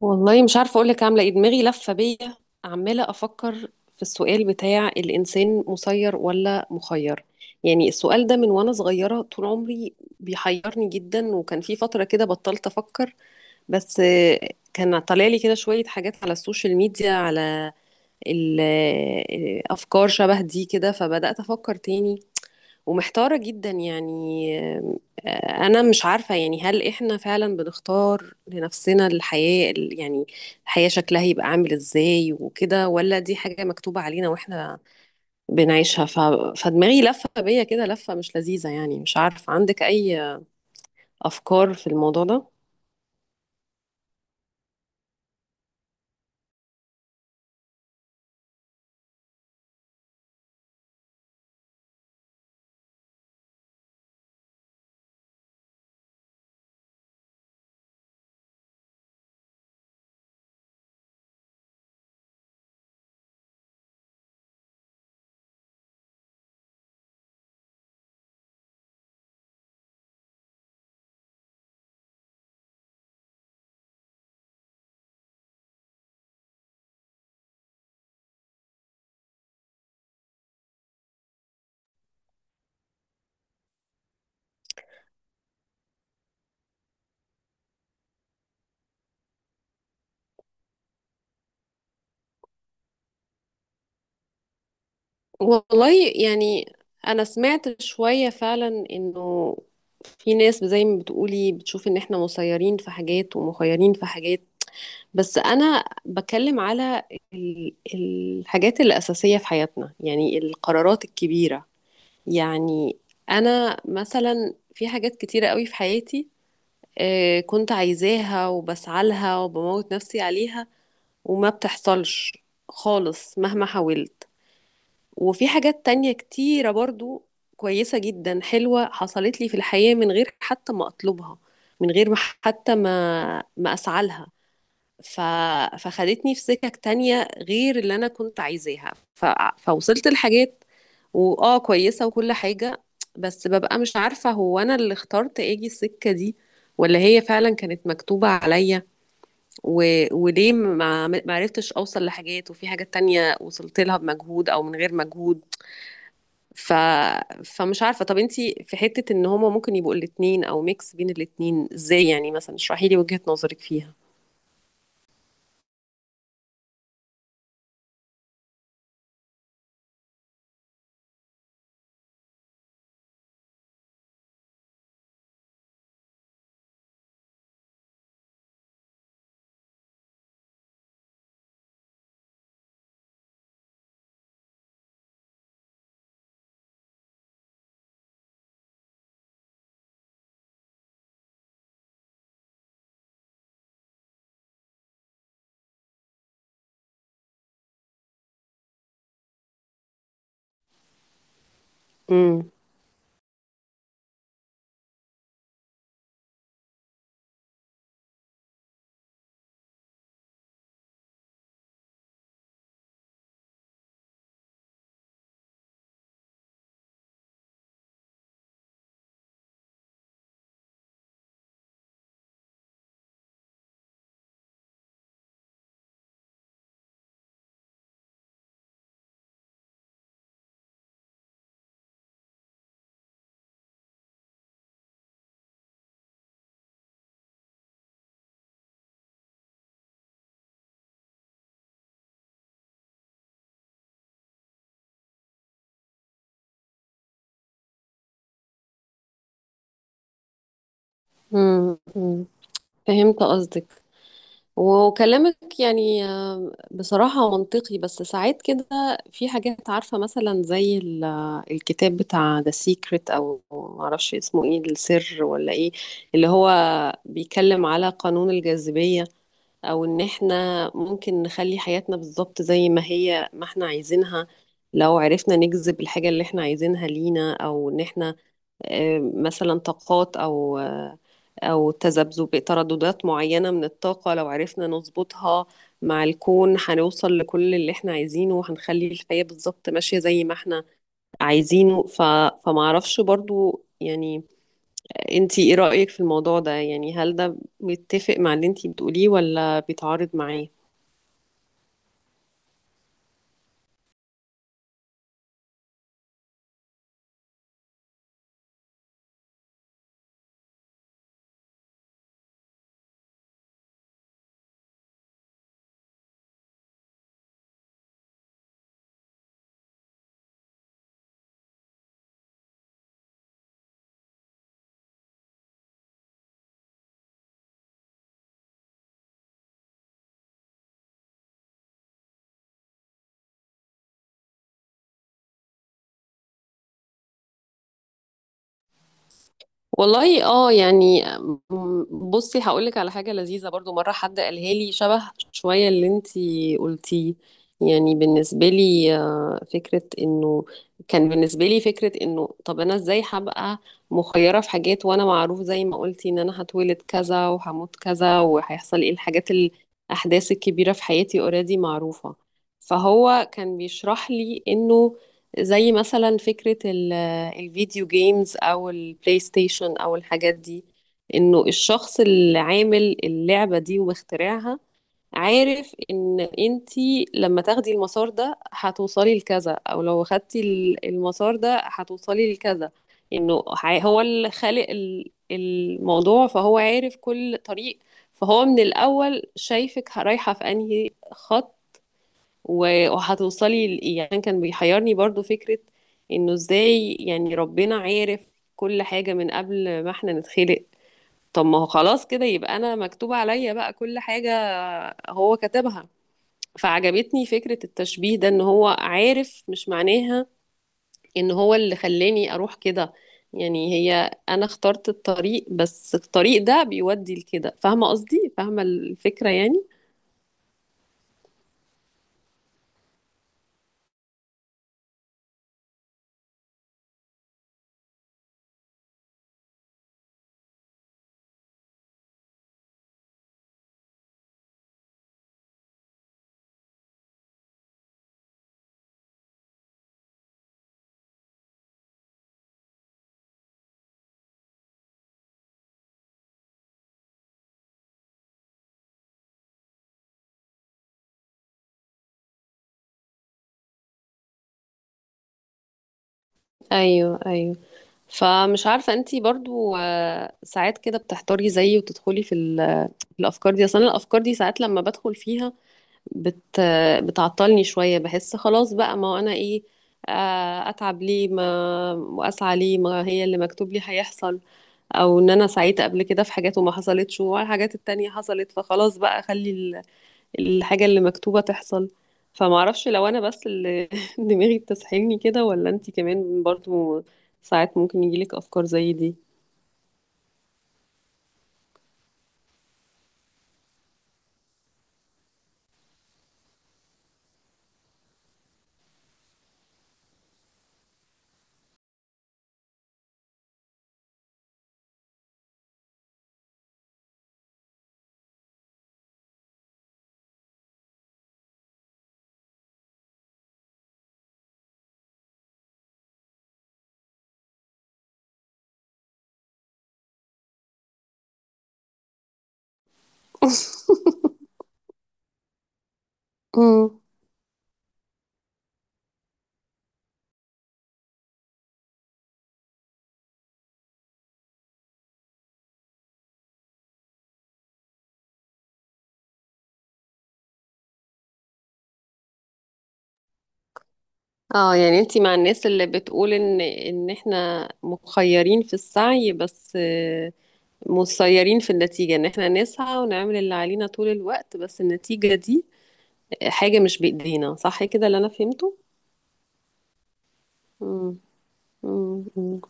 والله مش عارفة أقولك عاملة إيه. دماغي لفة بيا، عمالة أفكر في السؤال بتاع الإنسان مسير ولا مخير. يعني السؤال ده من وأنا صغيرة طول عمري بيحيرني جدا، وكان في فترة كده بطلت أفكر. بس كان طالع لي كده شوية حاجات على السوشيال ميديا على الأفكار شبه دي كده، فبدأت أفكر تاني ومحتارة جدا يعني. آه، أنا مش عارفة يعني، هل إحنا فعلا بنختار لنفسنا الحياة يعني الحياة شكلها يبقى عامل إزاي وكده، ولا دي حاجة مكتوبة علينا وإحنا بنعيشها؟ فدماغي لفة بيا كده، لفة مش لذيذة يعني. مش عارفة، عندك أي أفكار في الموضوع ده؟ والله يعني، أنا سمعت شوية فعلا إنه في ناس زي ما بتقولي بتشوف إن إحنا مسيرين في حاجات ومخيرين في حاجات. بس انا بتكلم على الحاجات الاساسيه في حياتنا، يعني القرارات الكبيره. يعني انا مثلا في حاجات كتيره قوي في حياتي كنت عايزاها وبسعى لها وبموت نفسي عليها، وما بتحصلش خالص مهما حاولت. وفي حاجات تانية كتيره برضو كويسه جدا حلوه حصلت لي في الحياه من غير حتى ما اطلبها، من غير ما حتى ما اسعى لها. ف... فخدتني في سكك تانية غير اللي انا كنت عايزاها. فوصلت لحاجات، واه كويسة وكل حاجة، بس ببقى مش عارفة هو انا اللي اخترت اجي السكة دي ولا هي فعلا كانت مكتوبة عليا. و... وليه ما عرفتش اوصل لحاجات، وفي حاجات تانية وصلت لها بمجهود او من غير مجهود؟ ف... فمش عارفة. طب انتي في حتة ان هما ممكن يبقوا الاتنين او ميكس بين الاتنين ازاي؟ يعني مثلا اشرحي لي وجهة نظرك فيها. امم. فهمت قصدك، وكلامك يعني بصراحة منطقي. بس ساعات كده في حاجات عارفة، مثلا زي الكتاب بتاع The Secret، أو معرفش اسمه ايه، السر ولا ايه، اللي هو بيتكلم على قانون الجاذبية. أو إن احنا ممكن نخلي حياتنا بالظبط زي ما هي ما احنا عايزينها، لو عرفنا نجذب الحاجة اللي احنا عايزينها لينا. أو إن احنا مثلا طاقات، أو تذبذب ترددات معينة من الطاقة لو عرفنا نظبطها مع الكون، هنوصل لكل اللي احنا عايزينه وهنخلي الحياة بالظبط ماشية زي ما احنا عايزينه. فمعرفش برضو يعني، انتي ايه رأيك في الموضوع ده؟ يعني هل ده متفق مع اللي انتي بتقوليه ولا بيتعارض معاه؟ والله يعني، بصي هقولك على حاجة لذيذة برضو. مرة حد قالها لي شبه شوية اللي انتي قلتيه. يعني بالنسبة لي فكرة انه، كان بالنسبة لي فكرة انه طب انا ازاي هبقى مخيرة في حاجات وانا معروف، زي ما قلتي، ان انا هتولد كذا وهموت كذا، وهيحصل ايه الحاجات الاحداث الكبيرة في حياتي اوريدي معروفة. فهو كان بيشرح لي انه زي مثلا فكرة الفيديو جيمز او البلاي ستيشن او الحاجات دي، انه الشخص اللي عامل اللعبة دي ومخترعها عارف ان انتي لما تاخدي المسار ده هتوصلي لكذا، او لو خدتي المسار ده هتوصلي لكذا. انه هو اللي خالق الموضوع، فهو عارف كل طريق. فهو من الاول شايفك رايحة في انهي خط وهتوصلي يعني كان بيحيرني برضو فكرة انه ازاي يعني ربنا عارف كل حاجة من قبل ما احنا نتخلق. طب ما هو خلاص كده يبقى انا مكتوب عليا بقى كل حاجة، هو كتبها. فعجبتني فكرة التشبيه ده، ان هو عارف مش معناها ان هو اللي خلاني اروح كده. يعني هي انا اخترت الطريق، بس الطريق ده بيودي لكده. فاهمة قصدي؟ فاهمة الفكرة يعني؟ ايوه ايوه. فمش عارفة، انتي برضو ساعات كده بتحتاري زيي، وتدخلي في في الأفكار دي أصلا؟ الأفكار دي ساعات لما بدخل فيها بت آه، بتعطلني شوية. بحس خلاص بقى، ما هو أنا إيه أتعب ليه، ما وأسعى ليه، ما هي اللي مكتوب لي هيحصل. أو إن أنا سعيت قبل كده في حاجات وما حصلتش، والحاجات التانية حصلت. فخلاص بقى، خلي الحاجة اللي مكتوبة تحصل. فمعرفش لو أنا بس اللي دماغي بتسحلني كده، ولا أنتي كمان برضو ساعات ممكن يجيلك أفكار زي دي؟ امم. اه يعني انتي مع الناس اللي بتقول ان احنا مخيرين في السعي، بس مسيرين في النتيجة. ان احنا نسعى ونعمل اللي علينا طول الوقت، بس النتيجة دي حاجة مش بإيدينا، صح كده اللي انا فهمته؟ مم. مم. مم.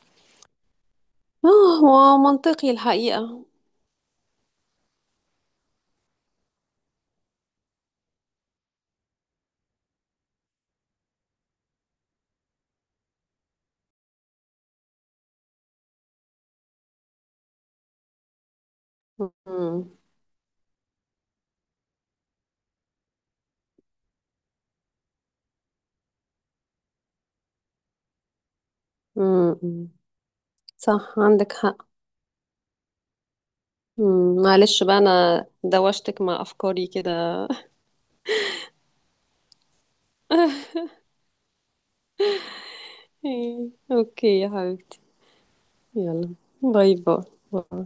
اه، هو منطقي الحقيقة. مم. مم. صح، عندك حق. مم، معلش بقى انا دوشتك مع افكاري كده. إيه، اوكي يا حبيبتي. يلا باي باي. باي.